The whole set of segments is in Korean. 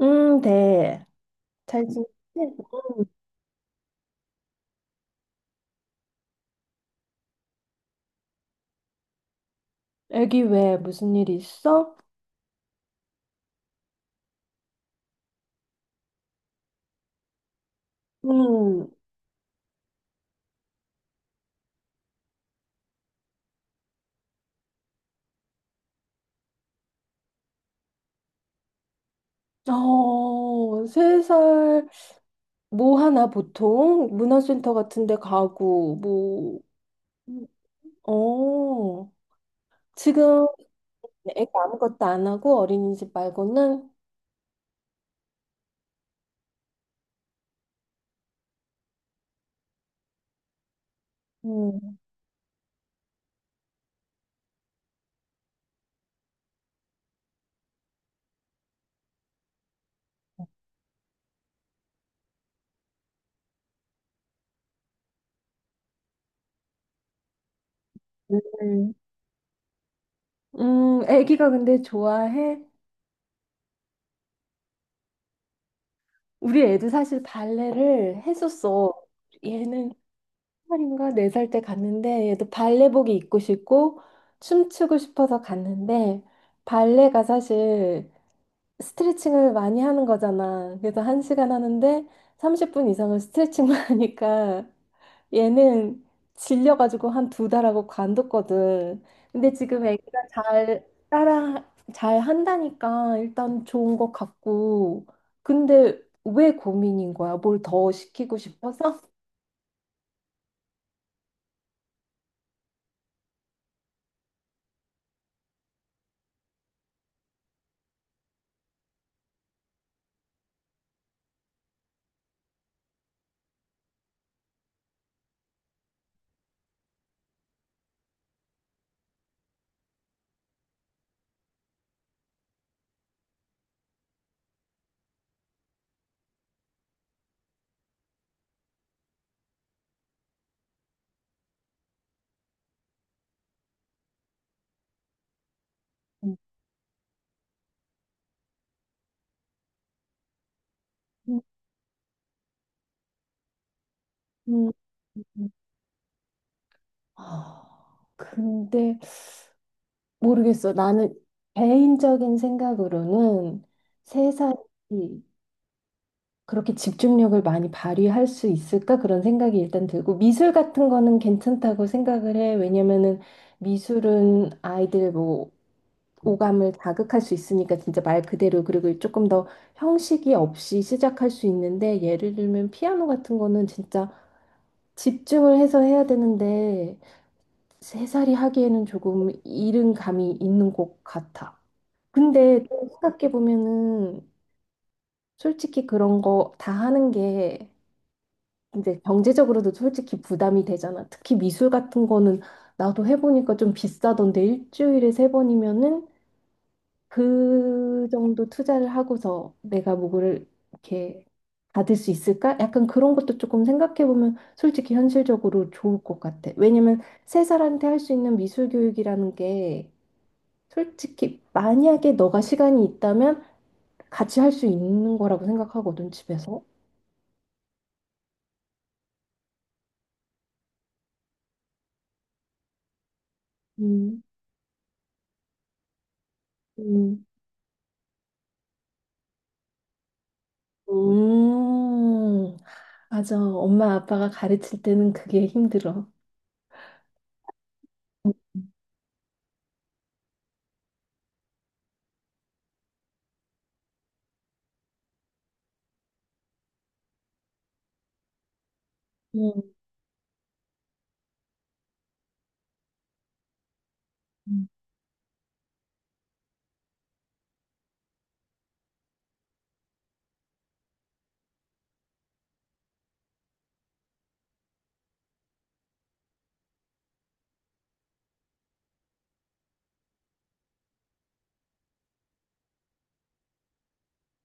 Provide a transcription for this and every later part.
네. 잘 지냈지? 음, 애기 왜 무슨 일 있어? 음, 세 살 뭐 하나 보통 문화센터 같은 데 가고 뭐, 음, 어, 지금 애기 아무것도 안 하고 어린이집 말고는 음, 음, 애기가 근데 좋아해? 우리 애도 사실 발레를 했었어. 얘는 살인가 4살 때 갔는데 얘도 발레복이 입고 싶고 춤추고 싶어서 갔는데 발레가 사실 스트레칭을 많이 하는 거잖아. 그래서 1시간 하는데 30분 이상을 스트레칭만 하니까 얘는 질려가지고 한 두 달하고 관뒀거든. 근데 지금 애기가 잘 따라 잘 한다니까 일단 좋은 것 같고 근데 왜 고민인 거야? 뭘 더 시키고 싶어서? 음. 음. 아, 근데 모르겠어. 나는 개인적인 생각으로는 3살이 그렇게 집중력을 많이 발휘할 수 있을까? 그런 생각이 일단 들고 미술 같은 거는 괜찮다고 생각을 해. 왜냐면은 미술은 아이들 뭐 오감을 자극할 수 있으니까 진짜 말 그대로 그리고 조금 더 형식이 없이 시작할 수 있는데 예를 들면 피아노 같은 거는 진짜 집중을 해서 해야 되는데 세 살이 하기에는 조금 이른 감이 있는 것 같아. 근데 또 생각해보면은 솔직히 그런 거 다 하는 게 이제 경제적으로도 솔직히 부담이 되잖아. 특히 미술 같은 거는 나도 해보니까 좀 비싸던데 일주일에 3번이면은 그 정도 투자를 하고서 내가 뭐를 이렇게 받을 수 있을까? 약간 그런 것도 조금 생각해보면 솔직히 현실적으로 좋을 것 같아. 왜냐면 3살한테 할 수 있는 미술 교육이라는 게 솔직히 만약에 너가 시간이 있다면 같이 할 수 있는 거라고 생각하거든, 집에서. 음, 음, 음, 맞아. 엄마 아빠가 가르칠 때는 그게 힘들어. 음, 음.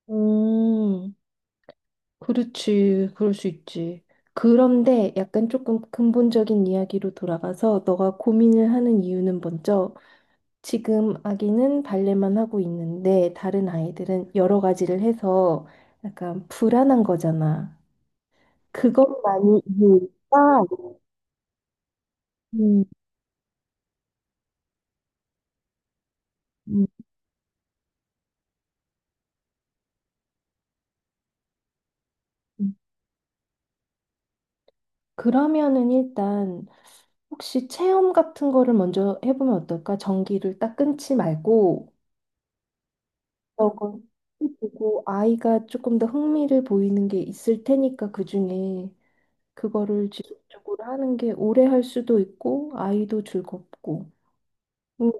음, 그렇지. 그럴 수 있지. 그런데 약간 조금 근본적인 이야기로 돌아가서 너가 고민을 하는 이유는 먼저 지금 아기는 발레만 하고 있는데 다른 아이들은 여러 가지를 해서 약간 불안한 거잖아. 그것만이 이유일까? 음, 음, 음. 그러면은 일단 혹시 체험 같은 거를 먼저 해보면 어떨까? 전기를 딱 끊지 말고 저거 보고 아이가 조금 더 흥미를 보이는 게 있을 테니까 그중에 그거를 지속적으로 하는 게 오래 할 수도 있고 아이도 즐겁고. 음,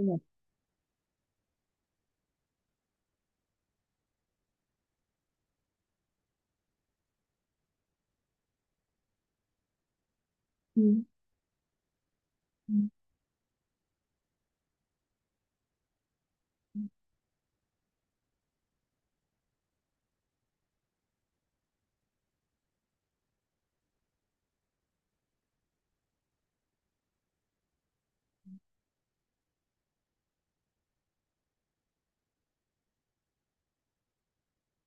음. 음.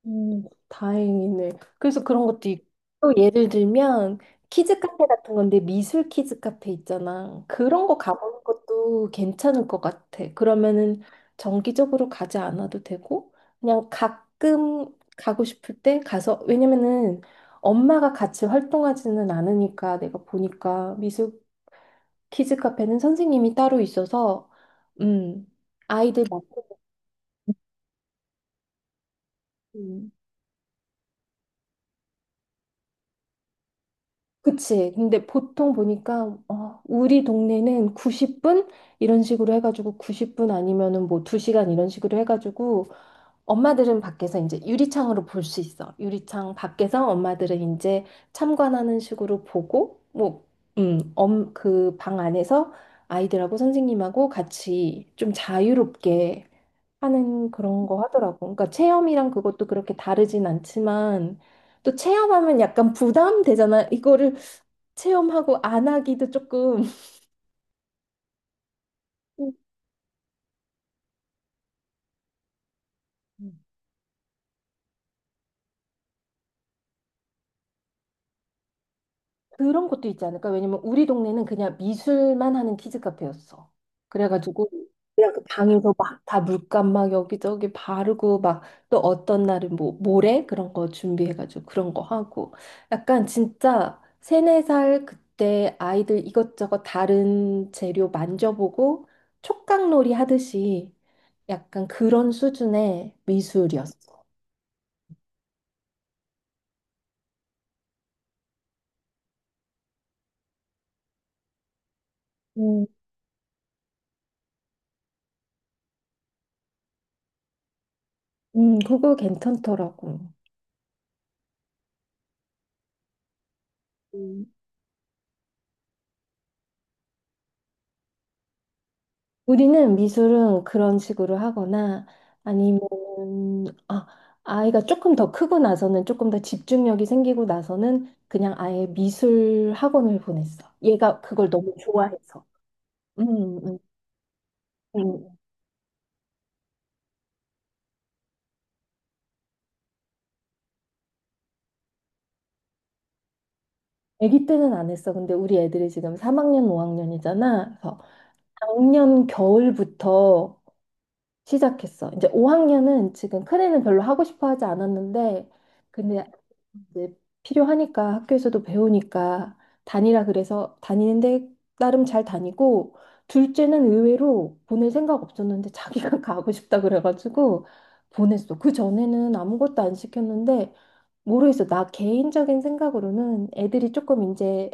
음, 다행이네. 그래서 그런 것도 있고, 또 예를 들면, 키즈 카페 같은 건데, 미술 키즈 카페 있잖아. 그런 거 가보는 것도 괜찮을 것 같아. 그러면은 정기적으로 가지 않아도 되고, 그냥 가끔 가고 싶을 때 가서, 왜냐면은 엄마가 같이 활동하지는 않으니까 내가 보니까 미술 키즈 카페는 선생님이 따로 있어서, 음, 아이들 맡고, 그치. 근데 보통 보니까, 우리 동네는 90분? 이런 식으로 해가지고 90분 아니면은 뭐 2시간 이런 식으로 해가지고 엄마들은 밖에서 이제 유리창으로 볼 수 있어. 유리창 밖에서 엄마들은 이제 참관하는 식으로 보고, 뭐, 그 방 안에서 아이들하고 선생님하고 같이 좀 자유롭게 하는 그런 거 하더라고. 그러니까 체험이랑 그것도 그렇게 다르진 않지만, 또 체험하면 약간 부담되잖아. 이거를 체험하고 안 하기도 조금 음. 음. 그런 것도 있지 않을까? 왜냐면 우리 동네는 그냥 미술만 하는 키즈 카페였어. 그래가지고 그냥 그 방에서 막 다 물감 막 여기저기 바르고 막 또 어떤 날은 뭐 모래 그런 거 준비해가지고 그런 거 하고 약간 진짜 세네 살 그때 아이들 이것저것 다른 재료 만져보고 촉각놀이 하듯이 약간 그런 수준의 미술이었어. 그거 괜찮더라고. 음. 우리는 미술은 그런 식으로 하거나 아니면 아, 아이가 조금 더 크고 나서는 조금 더 집중력이 생기고 나서는 그냥 아예 미술 학원을 보냈어. 얘가 그걸 너무 좋아해서. 음, 음, 음. 아기 때는 안 했어. 근데 우리 애들이 지금 3학년, 5학년이잖아. 그래서 작년 겨울부터 시작했어. 이제 5학년은 지금 큰애는 별로 하고 싶어 하지 않았는데, 근데 이제 필요하니까 학교에서도 배우니까 다니라 그래서 다니는데 나름 잘 다니고, 둘째는 의외로 보낼 생각 없었는데 자기가 가고 싶다 그래가지고 보냈어. 그 전에는 아무것도 안 시켰는데, 모르겠어. 나 개인적인 생각으로는 애들이 조금 이제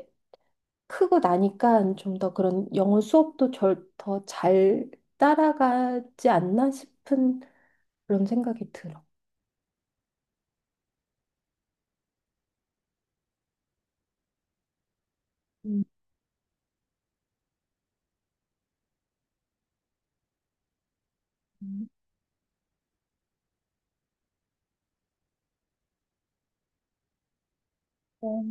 크고 나니까 좀 더 그런 영어 수업도 더 잘 따라가지 않나 싶은 그런 생각이 들어. 음, 어,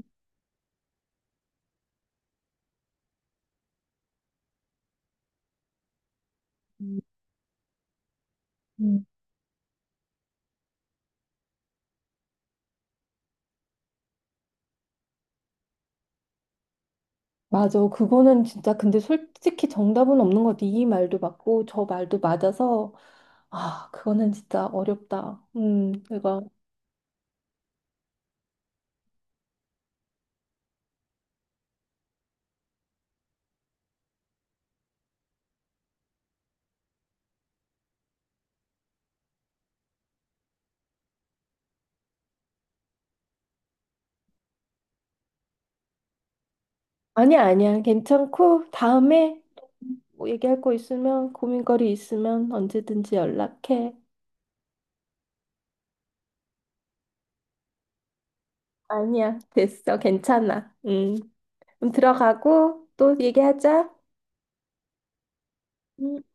음, 음. 맞아. 그거는 진짜 근데 솔직히 정답은 없는 것 같아. 이 말도 맞고 저 말도 맞아서 아, 그거는 진짜 어렵다. 이거. 아니야, 아니야. 괜찮고 다음에 뭐 얘기할 거 있으면 고민거리 있으면 언제든지 연락해. 아니야. 됐어. 괜찮아. 음. 그럼 들어가고 또 얘기하자. 음.